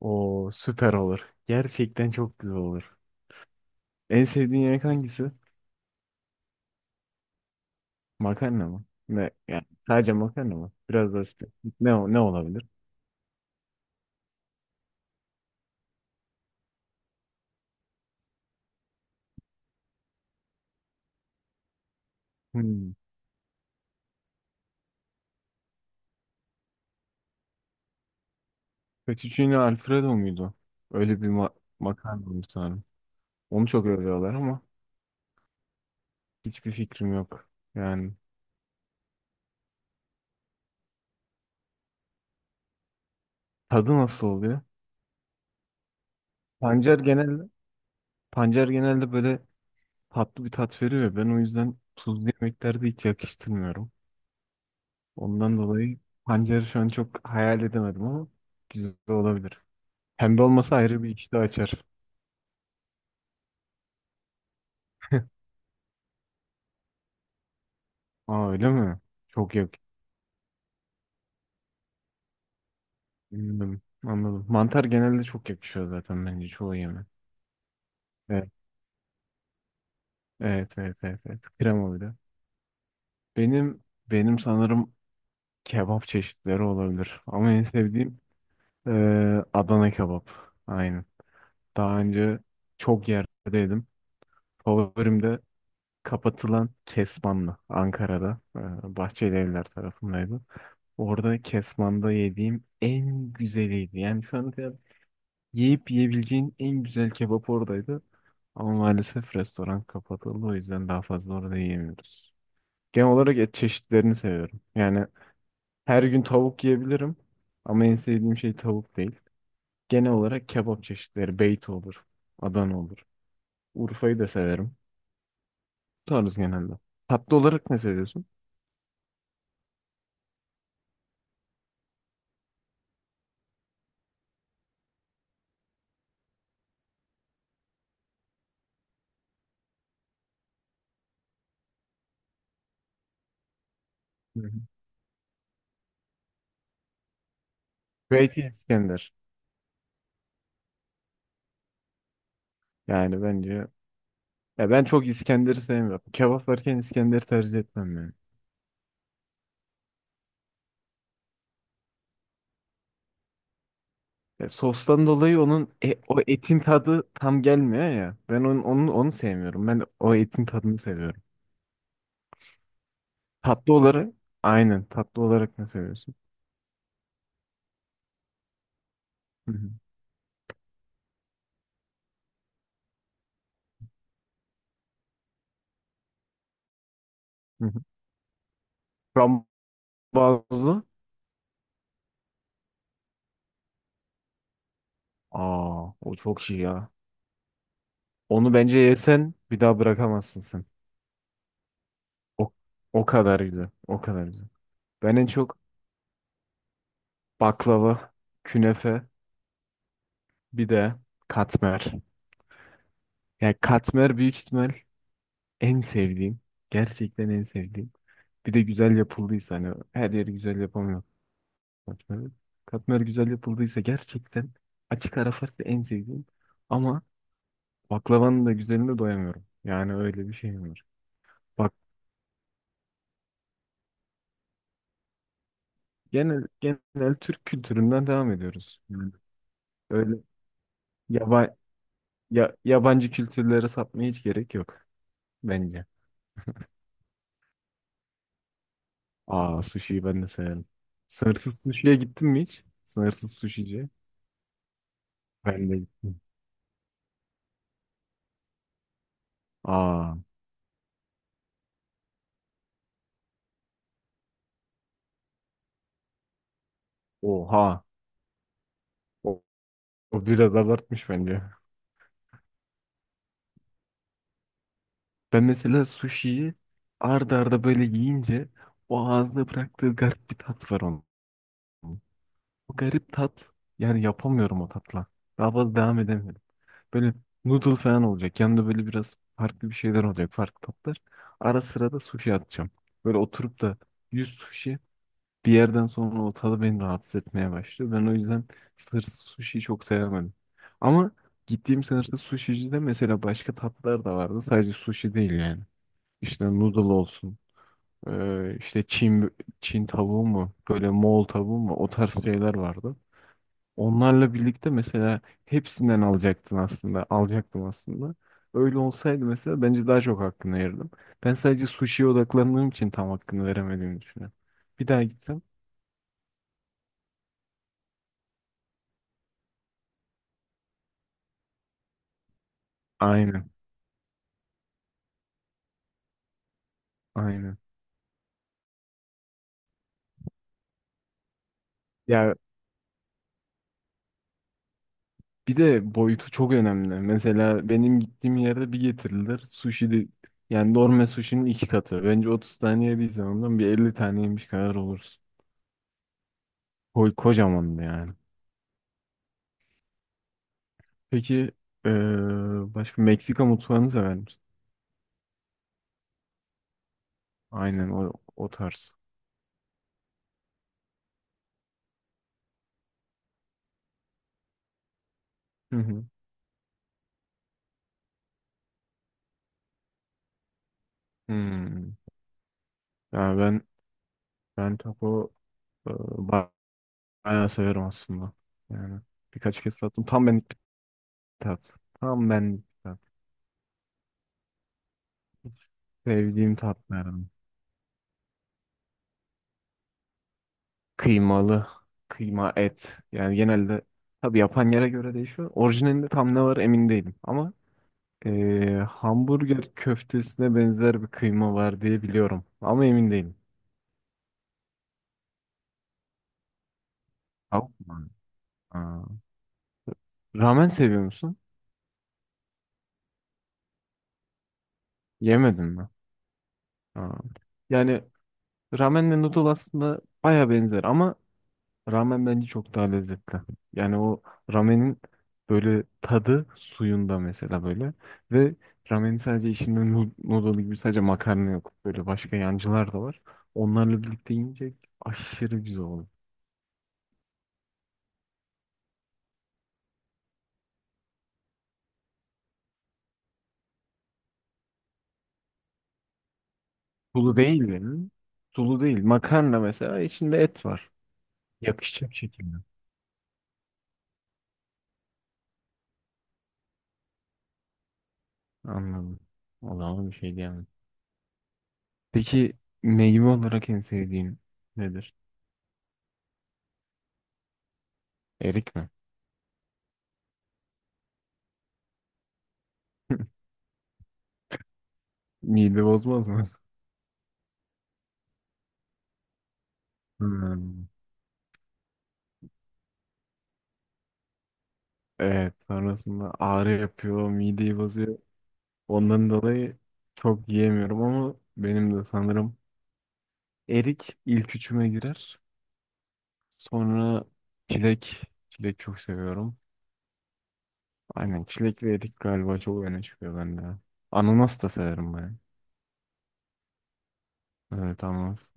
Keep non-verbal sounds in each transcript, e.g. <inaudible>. O süper olur. Gerçekten çok güzel olur. En sevdiğin yemek hangisi? Makarna mı? Ne yani sadece makarna mı? Biraz daha spesifik. Ne olabilir? Hmm. Fettuccine Alfredo muydu? Öyle bir makarna mı sanırım. Onu çok övüyorlar ama hiçbir fikrim yok. Yani tadı nasıl oluyor? Pancar genelde Pancar genelde böyle tatlı bir tat veriyor. Ben o yüzden tuzlu yemeklerde hiç yakıştırmıyorum. Ondan dolayı pancarı şu an çok hayal edemedim ama güzel olabilir. Pembe olması ayrı bir iştah açar. <laughs> Aa öyle mi? Çok yak. Anladım. Anladım. Mantar genelde çok yakışıyor zaten bence çoğu yeme. Evet. Evet, evet, evet, evet. Krema bir de. Benim benim sanırım kebap çeşitleri olabilir. Ama en sevdiğim Adana kebap. Aynen. Daha önce çok yerdeydim. Favorim de kapatılan Kesmanlı Ankara'da. Bahçeli Evler tarafındaydı. Orada Kesman'da yediğim en güzeliydi. Yani şu an yiyip yiyebileceğin en güzel kebap oradaydı. Ama maalesef restoran kapatıldı. O yüzden daha fazla orada yiyemiyoruz. Genel olarak et çeşitlerini seviyorum. Yani her gün tavuk yiyebilirim. Ama en sevdiğim şey tavuk değil. Genel olarak kebap çeşitleri. Beyti olur. Adana olur. Urfa'yı da severim. Bu tarz genelde. Tatlı olarak ne seviyorsun? Hı hı. Beyti İskender. Yani bence ya ben çok İskender'i sevmiyorum. Kebap varken İskender'i tercih etmem yani. Ya sostan dolayı o etin tadı tam gelmiyor ya. Ben onu sevmiyorum. Ben o etin tadını seviyorum. Tatlı olarak Aynen, tatlı olarak ne seviyorsun? Hı hı, hı hı. Frambuazlı. Aa o çok iyi ya. Onu bence yesen bir daha bırakamazsın sen. O, o kadar güzel. O kadar güzel. Ben en çok baklava, künefe, bir de katmer. Yani katmer büyük ihtimal En sevdiğim, gerçekten en sevdiğim. Bir de güzel yapıldıysa, hani her yeri güzel yapamıyor katmer. Katmer güzel yapıldıysa gerçekten açık ara farklı en sevdiğim. Ama baklavanın da güzeline doyamıyorum. Yani öyle bir şey var. Bak, genel Türk kültüründen devam ediyoruz. Yani öyle yaba, yabancı kültürlere sapmaya hiç gerek yok bence. Aa, sushi'yi ben de severim. Sınırsız sushi'ye gittin mi hiç? Sınırsız sushi'ci. Ben de gittim. Aa, oha. O, o biraz abartmış bence. Ben mesela sushi'yi arda arda böyle yiyince o ağızda bıraktığı garip bir tat var onun. O garip tat, yani yapamıyorum o tatla. Daha fazla devam edemiyorum. Böyle noodle falan olacak. Yanında böyle biraz farklı bir şeyler olacak. Farklı tatlar. Ara sıra da sushi atacağım. Böyle oturup da 100 sushi. Bir yerden sonra o tadı beni rahatsız etmeye başladı. Ben o yüzden hırsız sushi'yi çok sevemedim. Ama gittiğim sınıfta sushi'cide mesela başka tatlılar da vardı. Sadece sushi değil yani. İşte noodle olsun. Çin tavuğu mu? Böyle Moğol tavuğu mu? O tarz şeyler vardı. Onlarla birlikte mesela hepsinden alacaktın aslında. Alacaktım aslında. Öyle olsaydı mesela bence daha çok hakkını verirdim. Ben sadece sushi'ye odaklandığım için tam hakkını veremediğimi düşünüyorum. Bir daha gitsem. Aynen. Aynen. Ya bir de boyutu çok önemli. Mesela benim gittiğim yerde bir getirilir. Sushi de, yani normal sushi'nin iki katı. Bence 30 tane yediysem ondan bir 50 tane yemiş kadar oluruz. Koy kocaman da yani. Peki eee, başka Meksika mutfağını sever misin? Aynen o tarz. Hı hı. Hmm. Yani ben ben taco eee, ba- bayağı severim aslında. Yani birkaç kez tattım. Tam benlik bir tat. Tam benlik bir tat. Sevdiğim tatlardan. Kıymalı, kıyma et. Yani genelde tabii yapan yere göre değişiyor. Orijinalinde tam ne var emin değilim. Ama hamburger köftesine benzer bir kıyma var diye biliyorum. Ama emin değilim. Tavuk mu? Aa, ramen seviyor musun? Yemedim mi? Aa. Yani ramenle noodle aslında baya benzer ama ramen bence çok daha lezzetli. Yani ramenin böyle tadı suyunda mesela böyle. Ve ramenin sadece içinde noodle gibi sadece makarna yok. Böyle başka yancılar da var. Onlarla birlikte yiyince aşırı güzel oluyor. Sulu değil yani. Sulu değil. Makarna mesela içinde et var. Yakışacak şekilde. Anladım. O zaman bir şey diyemem. Peki, meyve olarak en sevdiğin nedir? Erik mi? Mide bozmaz mı? <laughs> Hmm. Evet, sonrasında ağrı yapıyor, mideyi bozuyor. Ondan dolayı çok yiyemiyorum ama benim de sanırım erik ilk üçüme girer. Sonra çilek, çilek çok seviyorum. Aynen çilek ve erik galiba çok öne çıkıyor bende. Ananas da severim ben. Evet, ananas.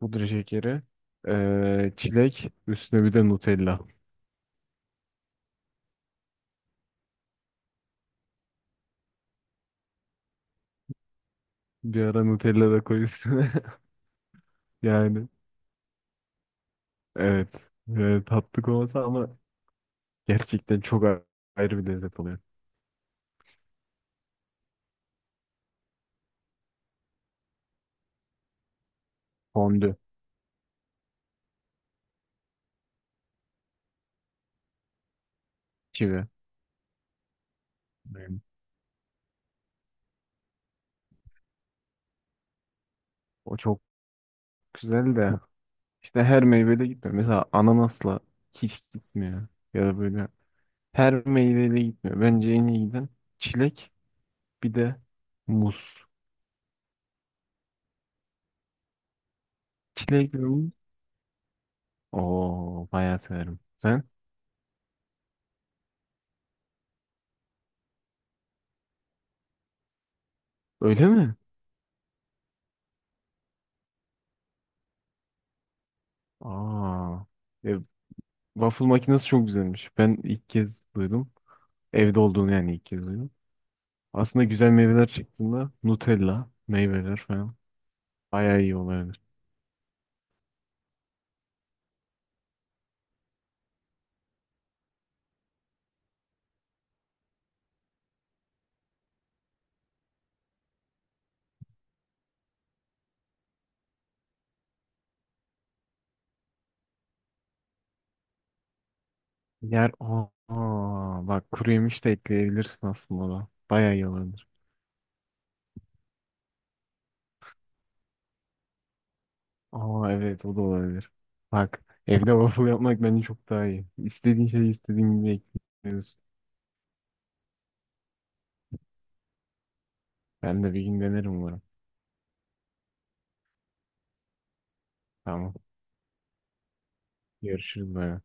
Pudra şekeri, çilek, üstüne bir de Nutella. Bir ara Nutella da koy üstüne. <laughs> Yani evet, evet tatlı olmasa ama gerçekten ayrı bir lezzet oluyor. Fondü, kivi. Hmm. O çok güzel de işte her meyvede gitmiyor. Mesela ananasla hiç gitmiyor. Ya da böyle her meyveyle gitmiyor. Bence en iyi giden çilek, bir de muz. Çilek ve muz. Oo, bayağı severim. Sen? Öyle mi? Aa. E, waffle makinesi çok güzelmiş. Ben ilk kez duydum. Evde olduğunu yani ilk kez duydum. Aslında güzel meyveler çıktığında Nutella meyveler falan bayağı iyi oluyor. Yer aa, bak kuru yemiş de ekleyebilirsin aslında ona. Bayağı iyi olabilir. Aa evet, o da olabilir. Bak, evde waffle yapmak bence çok daha iyi. İstediğin şeyi istediğin gibi ekliyorsun. Ben de bir gün denerim umarım. Tamam. Görüşürüz, bay.